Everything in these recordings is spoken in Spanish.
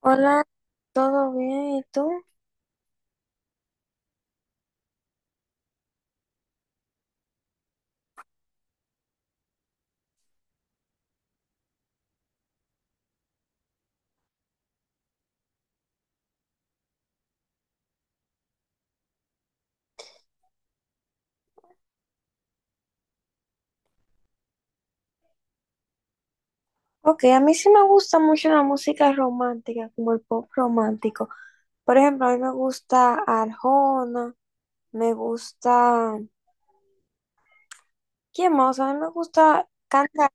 Hola, ¿todo bien? ¿Y tú? Ok, a mí sí me gusta mucho la música romántica, como el pop romántico. Por ejemplo, a mí me gusta Arjona, me gusta... ¿Quién más? A mí me gusta cantar,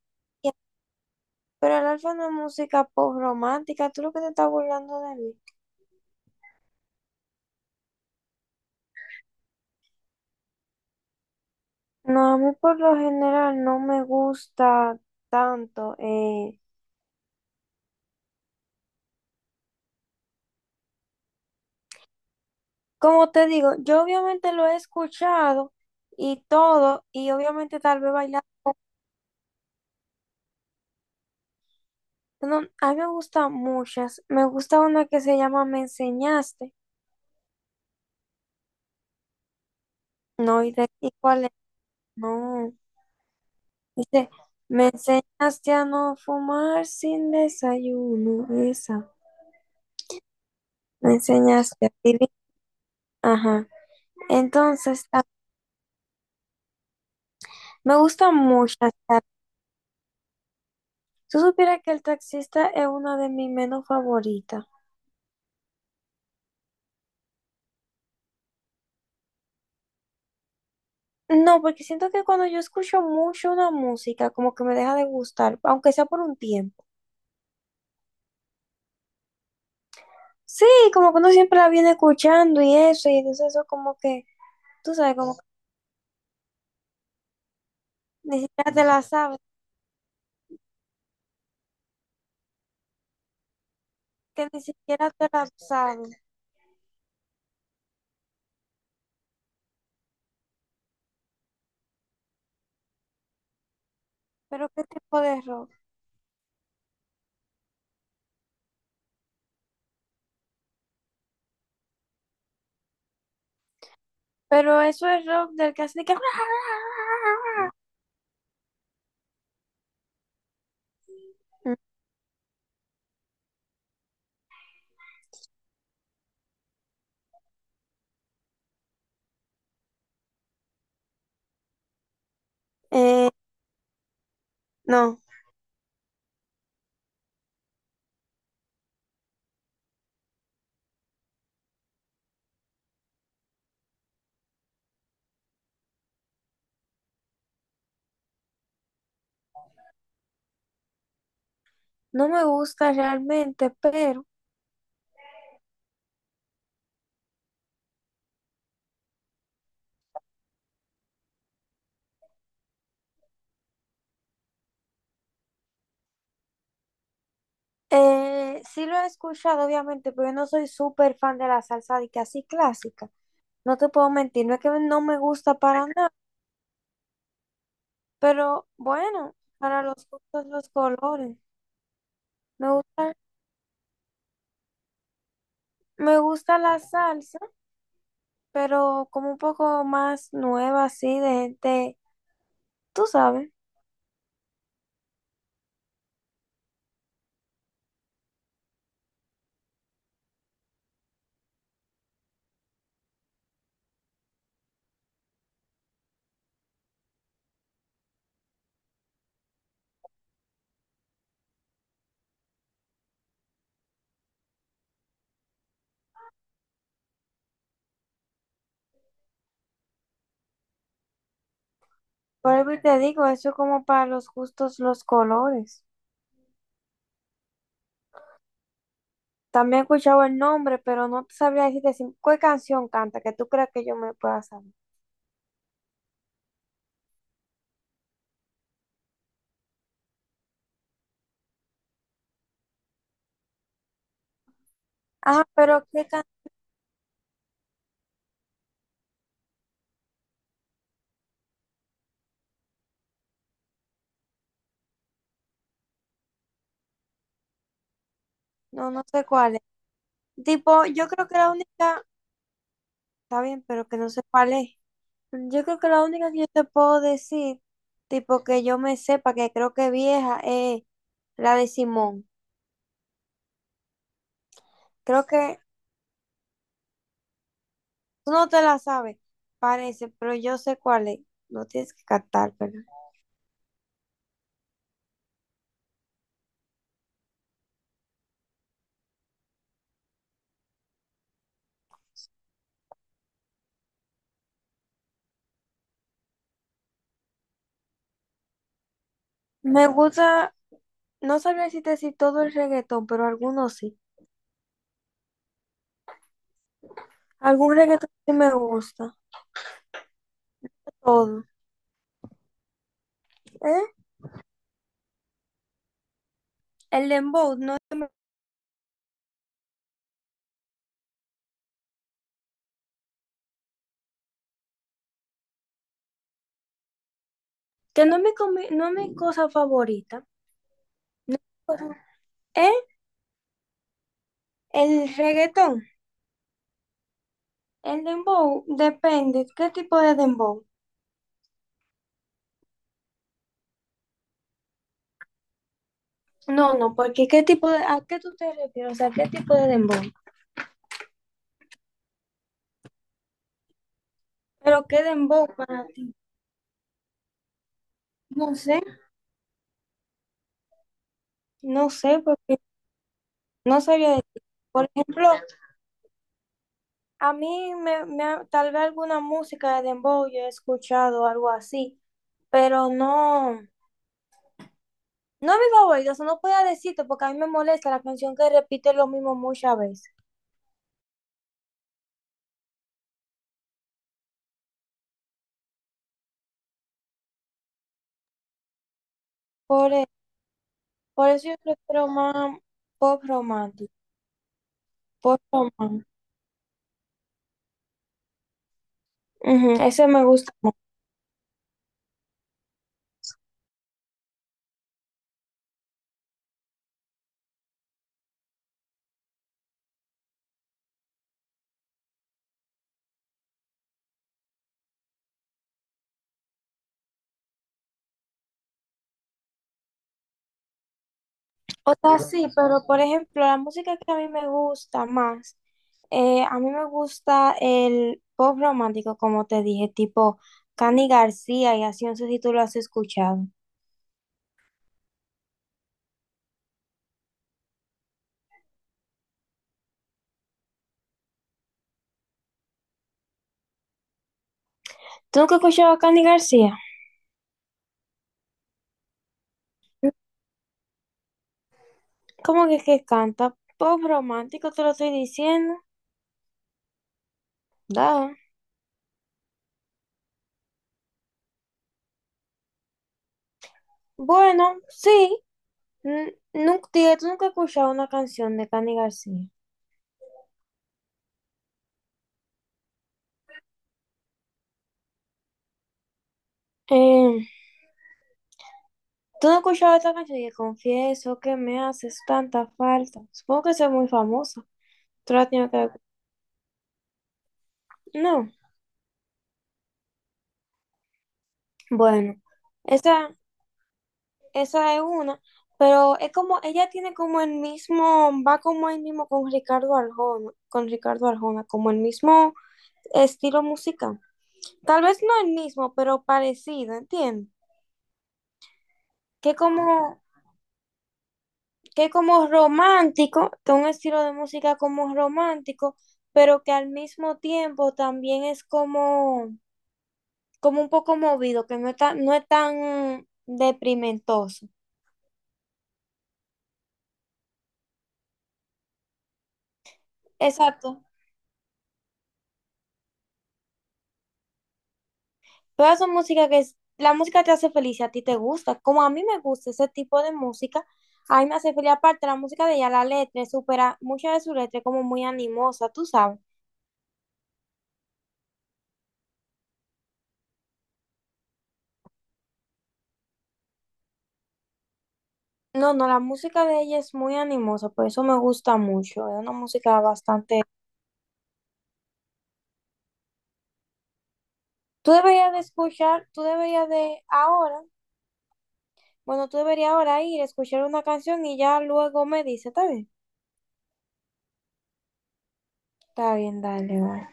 pero el alfa no es música pop romántica. ¿Tú lo que te estás burlando de mí? No, a mí por lo general no me gusta tanto. Como te digo, yo obviamente lo he escuchado y todo, y obviamente tal vez bailar. No, a mí me gustan muchas. Me gusta una que se llama Me enseñaste. No, ¿¿y cuál es? No. Dice, me enseñaste a no fumar sin desayuno. Esa. Me enseñaste a vivir. Ajá. Entonces, me gustan muchas. Tú supieras que el taxista es una de mis menos favoritas. No, porque siento que cuando yo escucho mucho una música, como que me deja de gustar, aunque sea por un tiempo. Sí, como que uno siempre la viene escuchando y eso, y entonces eso como que, tú sabes, como que ni siquiera te la que ni siquiera te la sabes. Pero qué tipo de rock. Pero eso es rock del que hace de que... Eh, no, no me gusta realmente, pero sí lo he escuchado, obviamente, pero yo no soy súper fan de la salsa de que así clásica. No te puedo mentir, no es que no me gusta para nada, pero bueno, para los gustos, los colores. Me gusta Me gusta la salsa, pero como un poco más nueva, así, de gente, tú sabes. Por eso te digo, eso es como para los gustos, los colores. También he escuchado el nombre, pero no te sabría decirte qué canción canta, que tú creas que yo me pueda saber. Ah, pero qué canción, no, no sé cuál es. Tipo, yo creo que la única, está bien, pero que no sé cuál es. Yo creo que la única que yo te puedo decir, tipo que yo me sepa, que creo que es vieja, es la de Simón. Creo que Tú no te la sabes, parece, pero yo sé cuál es. No tienes que cantar cantártela. Me gusta, no sabría decirte si te decir todo el reggaetón, pero algunos sí. Algún reggaetón sí me gusta. Todo. ¿Eh? El dembow, no, que no es mi, comi- no es mi cosa favorita. No es mi cosa- ¿Eh? El reggaetón. El dembow depende. ¿Qué tipo de dembow? No, no, porque ¿qué tipo de, a qué tú te refieres? O sea, ¿qué tipo de dembow? Pero ¿qué dembow para ti? No sé, porque no sabía decir. Por ejemplo, a mí me, me ha- tal vez alguna música de dembow yo he escuchado algo así, pero no, no es mi favorito, o sea, no puedo decirte porque a mí me molesta la canción que repite lo mismo muchas veces. Por, e- por eso yo prefiero más pop pop romántico. Ujú, ese me gusta. O sea, sí, pero por ejemplo, la música que a mí me gusta más, a mí me gusta el pop romántico, como te dije, tipo Cani García, y así no sé si tú lo has escuchado. ¿Tú nunca has escuchado a Cani García? ¿Cómo que canta? Pop romántico, te lo estoy diciendo. Da. Bueno, sí, nunca, dije, tú nunca has escuchado una canción de Cani García. Eh, ¿Tú no has escuchado esta canción? Y confieso que me haces tanta falta. Supongo que es muy famosa. Tú la tienes que ver. No. Bueno, esa, esa es una, pero es como, ella tiene como el mismo, va como el mismo con Ricardo con Ricardo Arjona, como el mismo estilo musical. Tal vez no el mismo, pero parecido, ¿entiendes? Que como, que como romántico, que un estilo de música como romántico, pero que al mismo tiempo también es como, como un poco movido, que no es tan, no es tan deprimentoso. Exacto. Todas son música que es, la música te hace feliz y a ti te gusta. Como a mí me gusta ese tipo de música, a mí me hace feliz. Aparte, la música de ella, la letra, es supera muchas de sus letras es como muy animosa, tú sabes. No, no, la música de ella es muy animosa, por eso me gusta mucho. Es una música bastante... Tú deberías de escuchar, tú deberías de ahora, bueno, tú deberías ahora ir a escuchar una canción y ya luego me dice, está bien, dale, va.